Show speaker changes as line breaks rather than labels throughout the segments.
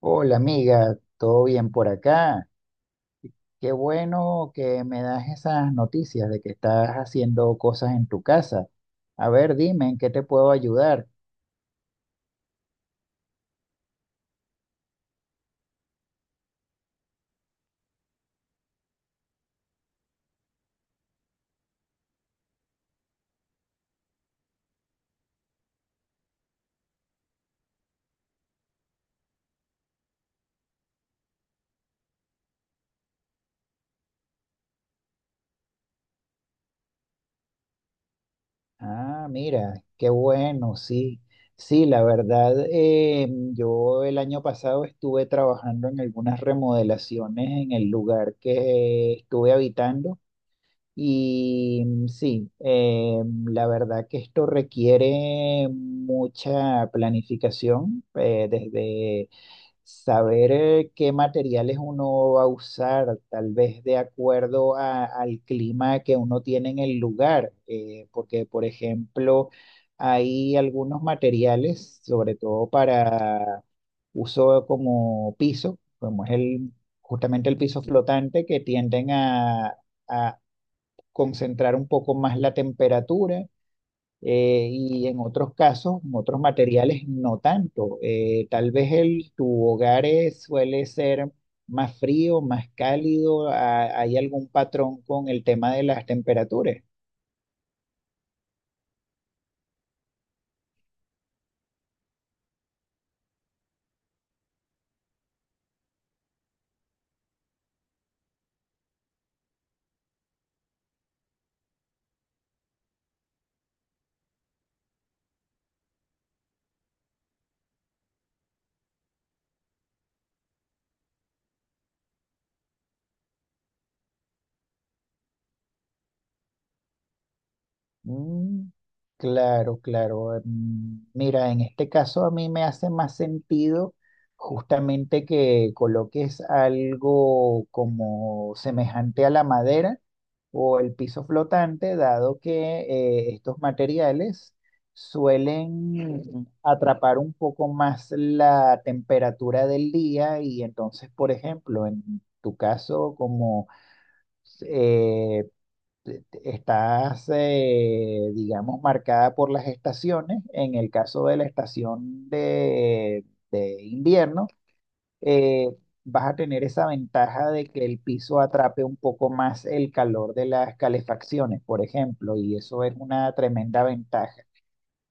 Hola amiga, ¿todo bien por acá? Qué bueno que me das esas noticias de que estás haciendo cosas en tu casa. A ver, dime, ¿en qué te puedo ayudar? Ah, mira, qué bueno, sí. Sí, la verdad, yo el año pasado estuve trabajando en algunas remodelaciones en el lugar que estuve habitando. Y sí, la verdad que esto requiere mucha planificación, desde saber qué materiales uno va a usar, tal vez de acuerdo al clima que uno tiene en el lugar, porque por ejemplo hay algunos materiales, sobre todo para uso como piso, como es justamente el piso flotante, que tienden a concentrar un poco más la temperatura, y en otros casos, en otros materiales, no tanto. Tal vez tu hogar suele ser más frío, más cálido, hay algún patrón con el tema de las temperaturas. Mm, claro, claro. Mm, mira, en este caso a mí me hace más sentido justamente que coloques algo como semejante a la madera o el piso flotante, dado que estos materiales suelen atrapar un poco más la temperatura del día y entonces, por ejemplo, en tu caso, como eh, estás, digamos, marcada por las estaciones. En el caso de la estación de invierno, eh, vas a tener esa ventaja de que el piso atrape un poco más el calor de las calefacciones, por ejemplo, y eso es una tremenda ventaja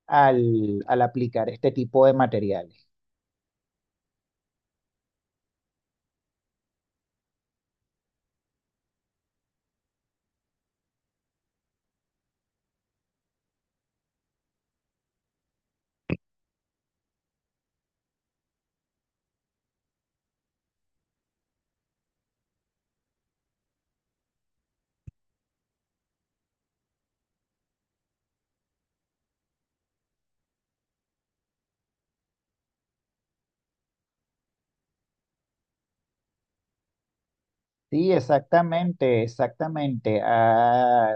al aplicar este tipo de materiales. Sí, exactamente. Ah,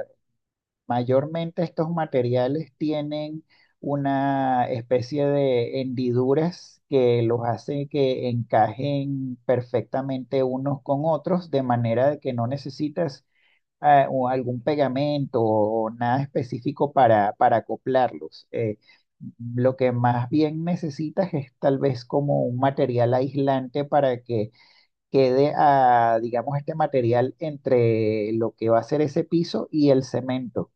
mayormente estos materiales tienen una especie de hendiduras que los hace que encajen perfectamente unos con otros, de manera de que no necesitas ah, o algún pegamento o nada específico para acoplarlos. Lo que más bien necesitas es tal vez como un material aislante para que quede, ah, digamos, este material entre lo que va a ser ese piso y el cemento.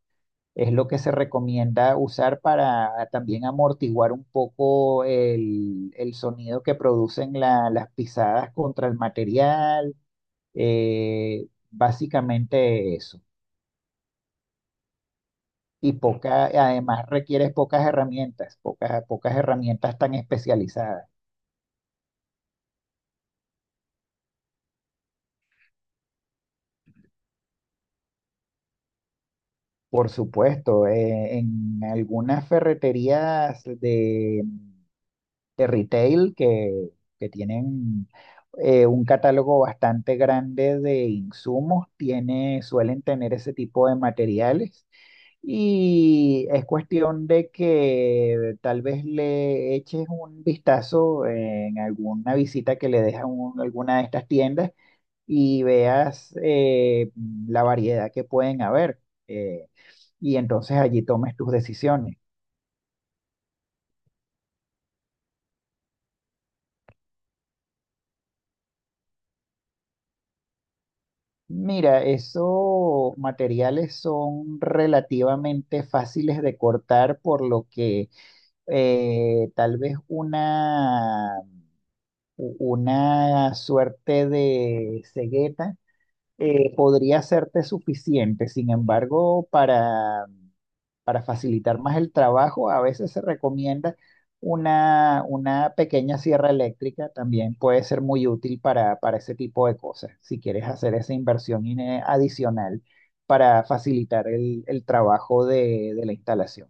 Es lo que se recomienda usar para también amortiguar un poco el sonido que producen las pisadas contra el material. Eh, básicamente eso. Y poca, además requieres pocas herramientas, pocas herramientas tan especializadas. Por supuesto, en algunas ferreterías de retail que tienen un catálogo bastante grande de insumos, suelen tener ese tipo de materiales, y es cuestión de que tal vez le eches un vistazo en alguna visita que le dejas a alguna de estas tiendas y veas la variedad que pueden haber, eh, y entonces allí tomes tus decisiones. Mira, esos materiales son relativamente fáciles de cortar, por lo que tal vez una, u- una suerte de cegueta podría serte suficiente. Sin embargo, para facilitar más el trabajo, a veces se recomienda una pequeña sierra eléctrica, también puede ser muy útil para ese tipo de cosas, si quieres hacer esa inversión adicional para facilitar el trabajo de la instalación.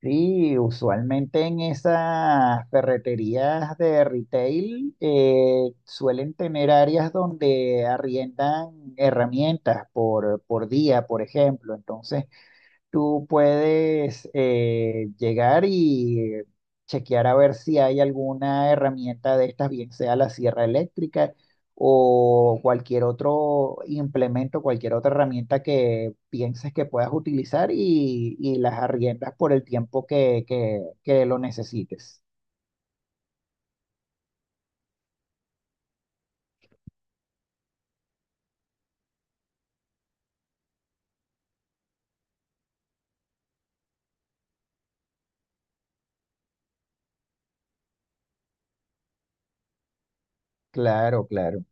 Sí, usualmente en esas ferreterías de retail suelen tener áreas donde arriendan herramientas por día, por ejemplo. Entonces, tú puedes llegar y chequear a ver si hay alguna herramienta de estas, bien sea la sierra eléctrica o cualquier otro implemento, cualquier otra herramienta que pienses que puedas utilizar y las arriendas por el tiempo que lo necesites. Claro, claro.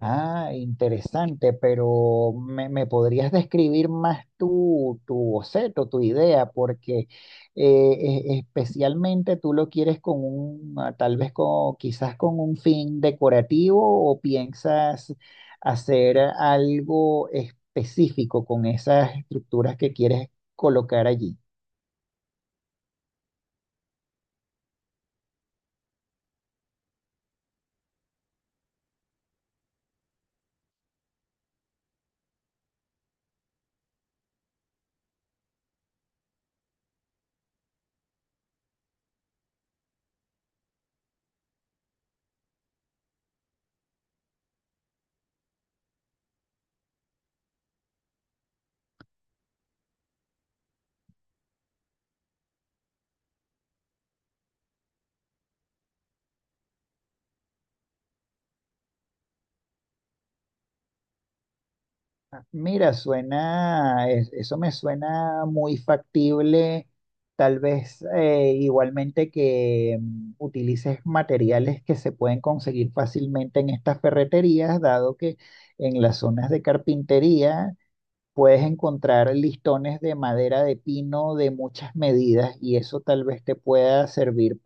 Ah, interesante, pero me podrías describir más tu boceto, tu idea, porque especialmente tú lo quieres con un, ah, tal vez con, quizás con un fin decorativo, o piensas hacer algo específico con esas estructuras que quieres colocar allí. Mira, suena, eso me suena muy factible. Tal vez igualmente que utilices materiales que se pueden conseguir fácilmente en estas ferreterías, dado que en las zonas de carpintería puedes encontrar listones de madera de pino de muchas medidas y eso tal vez te pueda servir,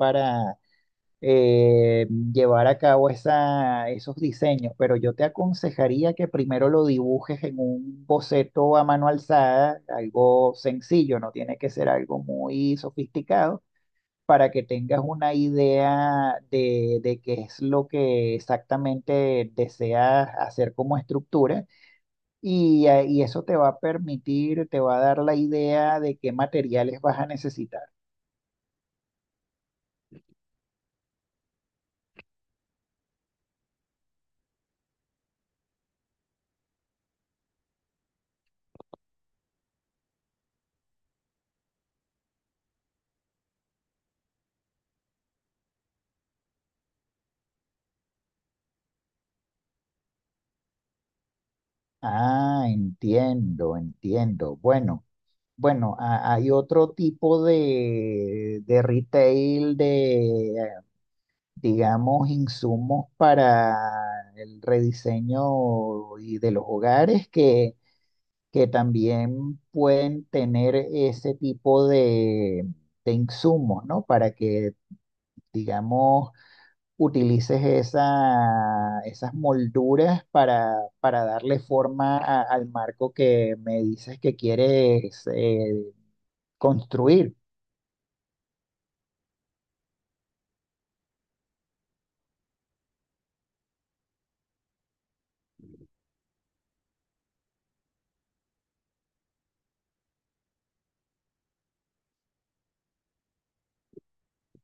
eh, llevar a cabo esos diseños, pero yo te aconsejaría que primero lo dibujes en un boceto a mano alzada, algo sencillo, no tiene que ser algo muy sofisticado, para que tengas una idea de qué es lo que exactamente deseas hacer como estructura. Y eso te va a permitir, te va a dar la idea de qué materiales vas a necesitar. Ah, entiendo, entiendo. Bueno. Bueno, hay otro tipo de retail digamos, insumos para el rediseño y de los hogares que también pueden tener ese tipo de insumos, ¿no? Para que, digamos, utilices esas molduras para darle forma al marco que me dices que quieres construir.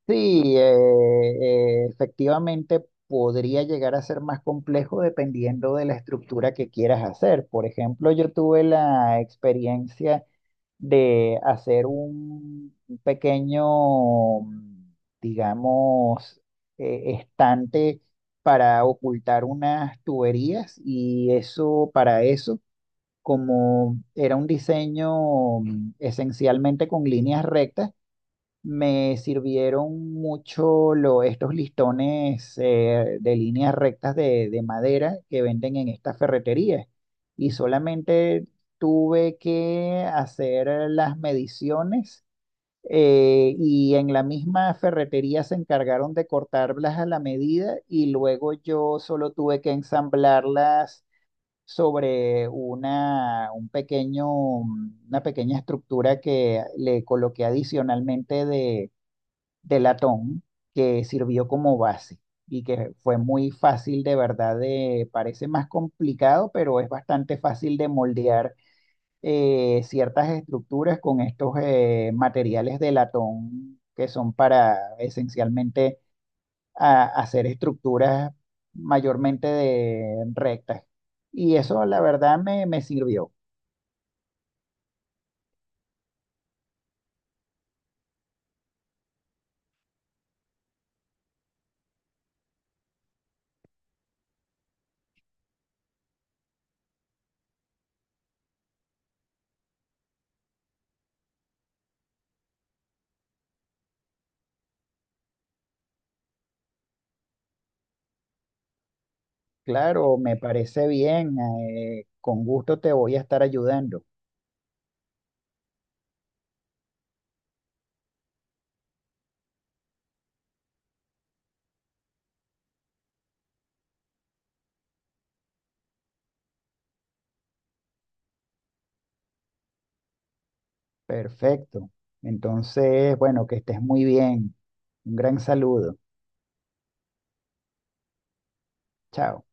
Sí, efectivamente podría llegar a ser más complejo dependiendo de la estructura que quieras hacer. Por ejemplo, yo tuve la experiencia de hacer un pequeño, digamos, estante para ocultar unas tuberías y eso, para eso, como era un diseño esencialmente con líneas rectas, me sirvieron mucho estos listones, de líneas rectas de madera que venden en estas ferreterías, y solamente tuve que hacer las mediciones, y en la misma ferretería se encargaron de cortarlas a la medida y luego yo solo tuve que ensamblarlas sobre un pequeño, una pequeña estructura que le coloqué adicionalmente de latón, que sirvió como base y que fue muy fácil de verdad, de, parece más complicado, pero es bastante fácil de moldear ciertas estructuras con estos materiales de latón, que son para esencialmente hacer estructuras mayormente de rectas. Y eso la verdad me sirvió. Claro, me parece bien, con gusto te voy a estar ayudando. Perfecto. Entonces, bueno, que estés muy bien. Un gran saludo. Chao.